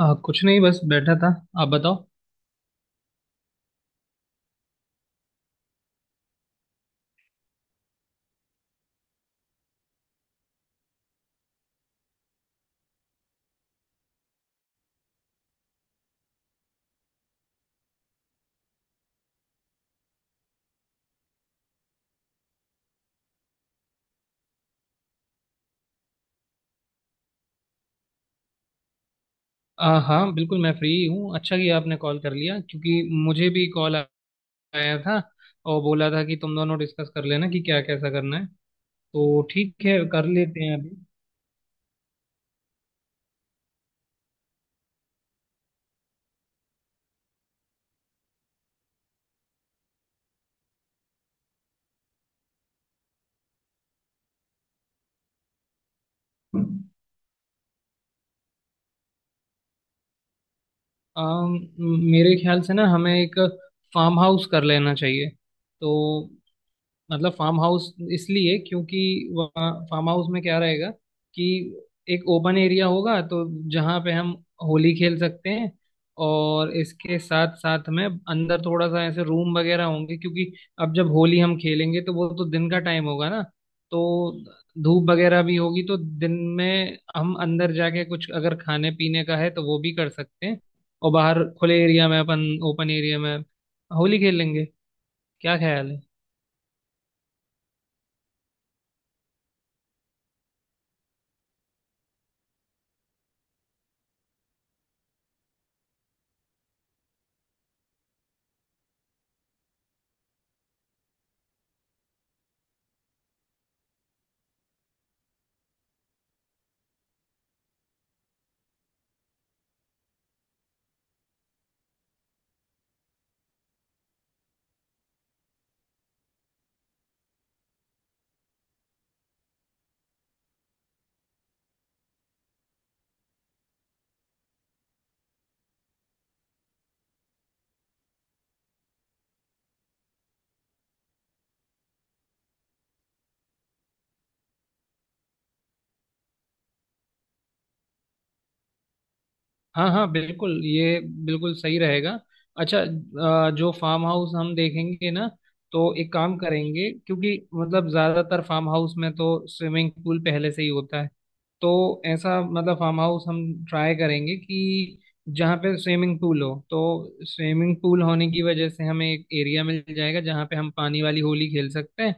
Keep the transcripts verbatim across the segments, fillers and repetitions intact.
आ, कुछ नहीं बस बैठा था। आप बताओ। आ, हाँ बिल्कुल मैं फ्री हूँ। अच्छा किया आपने कॉल कर लिया क्योंकि मुझे भी कॉल आया था और बोला था कि तुम दोनों डिस्कस कर लेना कि क्या कैसा करना है। तो ठीक है कर लेते हैं अभी। आ, मेरे ख्याल से ना हमें एक फार्म हाउस कर लेना चाहिए। तो मतलब फार्म हाउस इसलिए क्योंकि वहाँ फार्म हाउस में क्या रहेगा कि एक ओपन एरिया होगा, तो जहाँ पे हम होली खेल सकते हैं। और इसके साथ साथ में अंदर थोड़ा सा ऐसे रूम वगैरह होंगे क्योंकि अब जब होली हम खेलेंगे तो वो तो दिन का टाइम होगा ना। तो धूप वगैरह भी होगी तो दिन में हम अंदर जाके कुछ अगर खाने पीने का है तो वो भी कर सकते हैं। और बाहर खुले एरिया में अपन ओपन एरिया में होली खेल लेंगे। क्या ख्याल है? हाँ हाँ बिल्कुल ये बिल्कुल सही रहेगा। अच्छा, अ, जो फार्म हाउस हम देखेंगे ना, तो एक काम करेंगे क्योंकि मतलब ज्यादातर फार्म हाउस में तो स्विमिंग पूल पहले से ही होता है। तो ऐसा मतलब फार्म हाउस हम ट्राई करेंगे कि जहाँ पे स्विमिंग पूल हो, तो स्विमिंग पूल होने की वजह से हमें एक एरिया मिल जाएगा जहाँ पे हम पानी वाली होली खेल सकते हैं।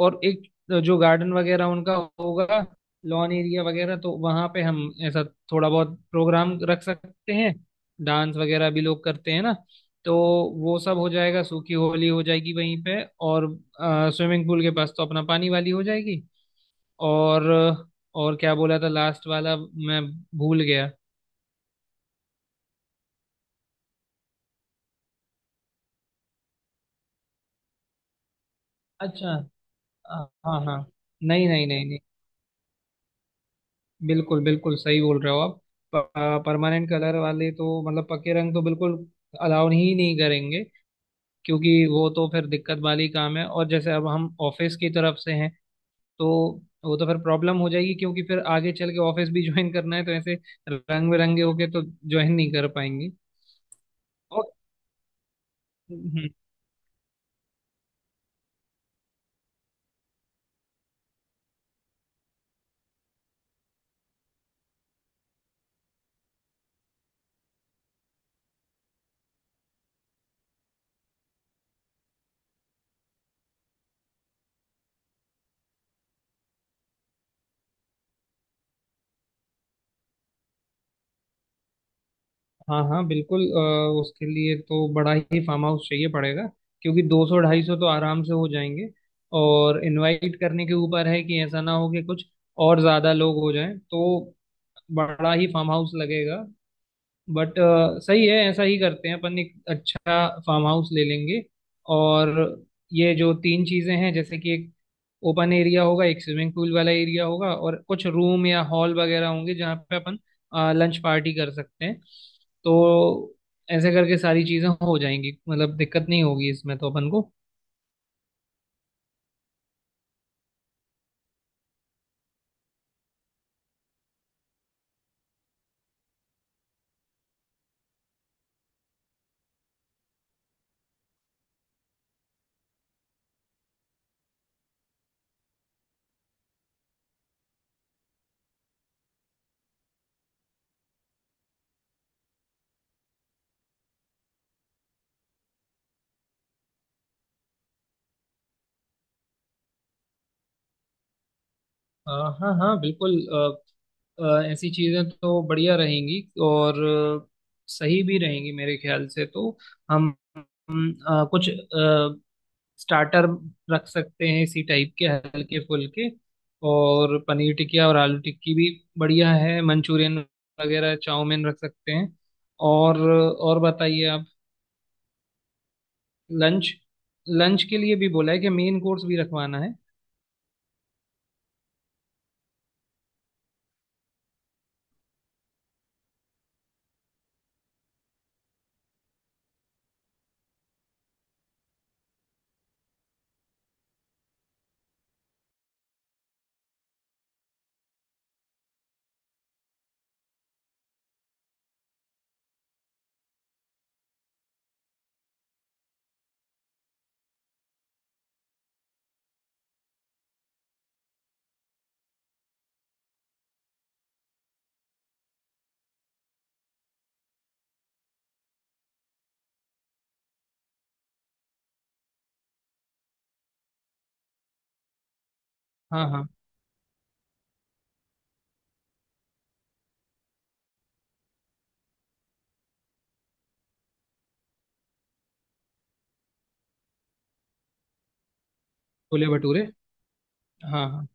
और एक जो गार्डन वगैरह उनका होगा, लॉन एरिया वगैरह, तो वहाँ पे हम ऐसा थोड़ा बहुत प्रोग्राम रख सकते हैं। डांस वगैरह भी लोग करते हैं ना। तो वो सब हो जाएगा, सूखी होली हो जाएगी वहीं पे। और स्विमिंग पूल के पास तो अपना पानी वाली हो जाएगी। और और क्या बोला था लास्ट वाला, मैं भूल गया। अच्छा, हाँ हाँ, नहीं नहीं नहीं नहीं, बिल्कुल बिल्कुल सही बोल रहे हो आप। परमानेंट कलर वाले तो, मतलब पक्के रंग, तो बिल्कुल अलाउ ही नहीं करेंगे क्योंकि वो तो फिर दिक्कत वाली काम है। और जैसे अब हम ऑफिस की तरफ से हैं, तो वो तो फिर प्रॉब्लम हो जाएगी क्योंकि फिर आगे चल के ऑफिस भी ज्वाइन करना है। तो ऐसे रंग बिरंगे होके तो ज्वाइन नहीं कर पाएंगे। और हम्म, हाँ हाँ बिल्कुल, अ, उसके लिए तो बड़ा ही फार्म हाउस चाहिए पड़ेगा क्योंकि दो सौ ढाई सौ तो आराम से हो जाएंगे। और इनवाइट करने के ऊपर है कि ऐसा ना हो कि कुछ और ज्यादा लोग हो जाएं, तो बड़ा ही फार्म हाउस लगेगा। बट अ, सही है, ऐसा ही करते हैं। अपन एक अच्छा फार्म हाउस ले लेंगे। और ये जो तीन चीजें हैं जैसे कि एक ओपन एरिया होगा, एक स्विमिंग पूल वाला एरिया होगा, और कुछ रूम या हॉल वगैरह होंगे जहाँ पे अपन लंच पार्टी कर सकते हैं। तो ऐसे करके सारी चीजें हो जाएंगी, मतलब दिक्कत नहीं होगी इसमें तो अपन को। अ, हाँ हाँ बिल्कुल, अ, अ, ऐसी चीज़ें तो बढ़िया रहेंगी। और अ, सही भी रहेंगी मेरे ख्याल से। तो हम हम, अ, कुछ स्टार्टर रख सकते हैं इसी टाइप के हल्के फुल्के। और पनीर टिकिया और आलू टिक्की भी बढ़िया है। मंचूरियन वगैरह चाउमीन रख सकते हैं। और और बताइए आप। लंच लंच के लिए भी बोला है कि मेन कोर्स भी रखवाना है। हाँ हाँ, छोले भटूरे। हाँ हाँ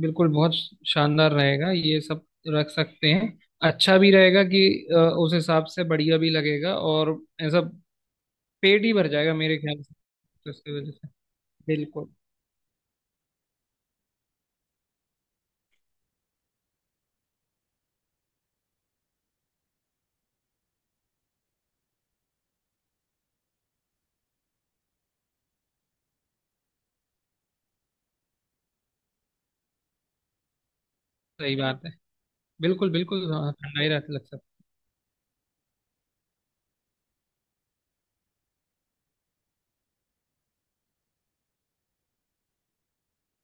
बिल्कुल, बहुत शानदार रहेगा। ये सब रख सकते हैं, अच्छा भी रहेगा कि अ, उस हिसाब से बढ़िया भी लगेगा। और ऐसा पेट ही भर जाएगा मेरे ख्याल से तो उसकी वजह से। बिल्कुल सही बात है, बिल्कुल बिल्कुल, हाँ ठंडा ही रहता लग सकता।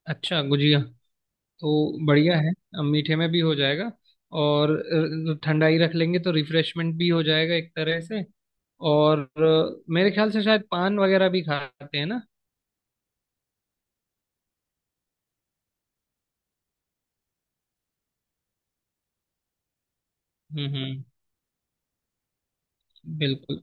अच्छा गुजिया, तो बढ़िया है। अब मीठे में भी हो जाएगा। और अ, ठंडा ही रख लेंगे तो रिफ्रेशमेंट भी हो जाएगा एक तरह से। और अ, मेरे ख्याल से शायद पान वगैरह भी खाते हैं ना। हम्म हम्म, बिल्कुल।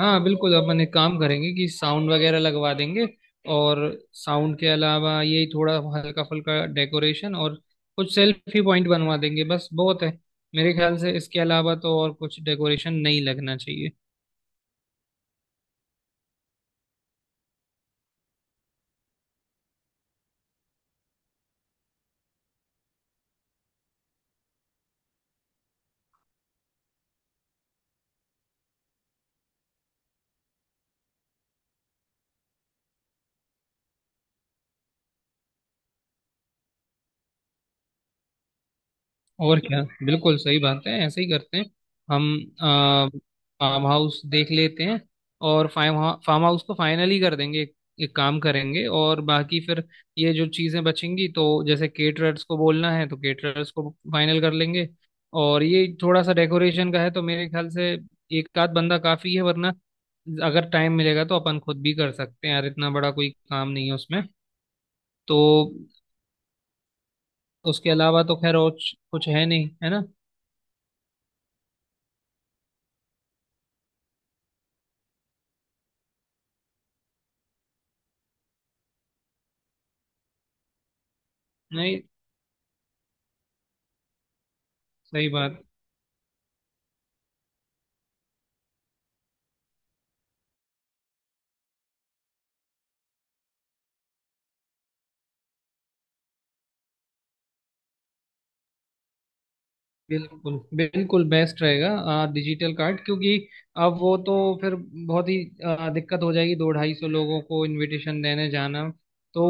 हाँ बिल्कुल, अपन एक काम करेंगे कि साउंड वगैरह लगवा देंगे। और साउंड के अलावा यही थोड़ा हल्का फुल्का डेकोरेशन और कुछ सेल्फी पॉइंट बनवा देंगे, बस बहुत है। मेरे ख्याल से इसके अलावा तो और कुछ डेकोरेशन नहीं लगना चाहिए। और क्या, बिल्कुल सही बात है, ऐसे ही करते हैं। हम फार्म हाउस देख लेते हैं और फार्म फार्म हाउस को फाइनल ही कर देंगे। एक, एक काम करेंगे और बाकी फिर ये जो चीज़ें बचेंगी, तो जैसे केटरर्स को बोलना है तो केटरर्स को फाइनल कर लेंगे। और ये थोड़ा सा डेकोरेशन का है, तो मेरे ख्याल से एक आध बंदा काफ़ी है। वरना अगर टाइम मिलेगा तो अपन खुद भी कर सकते हैं यार, इतना बड़ा कोई काम नहीं है उसमें। तो उसके अलावा तो खैर और कुछ है नहीं, है ना? नहीं सही बात है। बिल्कुल बिल्कुल बेस्ट रहेगा डिजिटल कार्ड, क्योंकि अब वो तो फिर बहुत ही आ, दिक्कत हो जाएगी दो ढाई सौ लोगों को इनविटेशन देने जाना। तो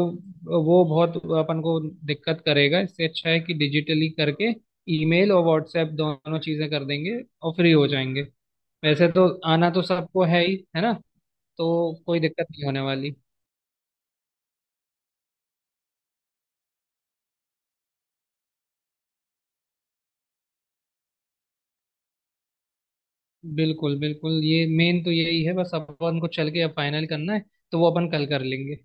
वो बहुत अपन को दिक्कत करेगा। इससे अच्छा है कि डिजिटली करके ईमेल और व्हाट्सएप दोनों चीज़ें कर देंगे और फ्री हो जाएंगे। वैसे तो आना तो सबको है ही, है ना? तो कोई दिक्कत नहीं होने वाली। बिल्कुल बिल्कुल, ये मेन तो यही है, बस अपन को चल के अब फाइनल करना है। तो वो अपन कल कर लेंगे।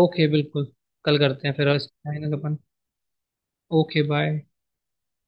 ओके बिल्कुल, कल करते हैं फिर। आज आएंगे अपन। Okay bye.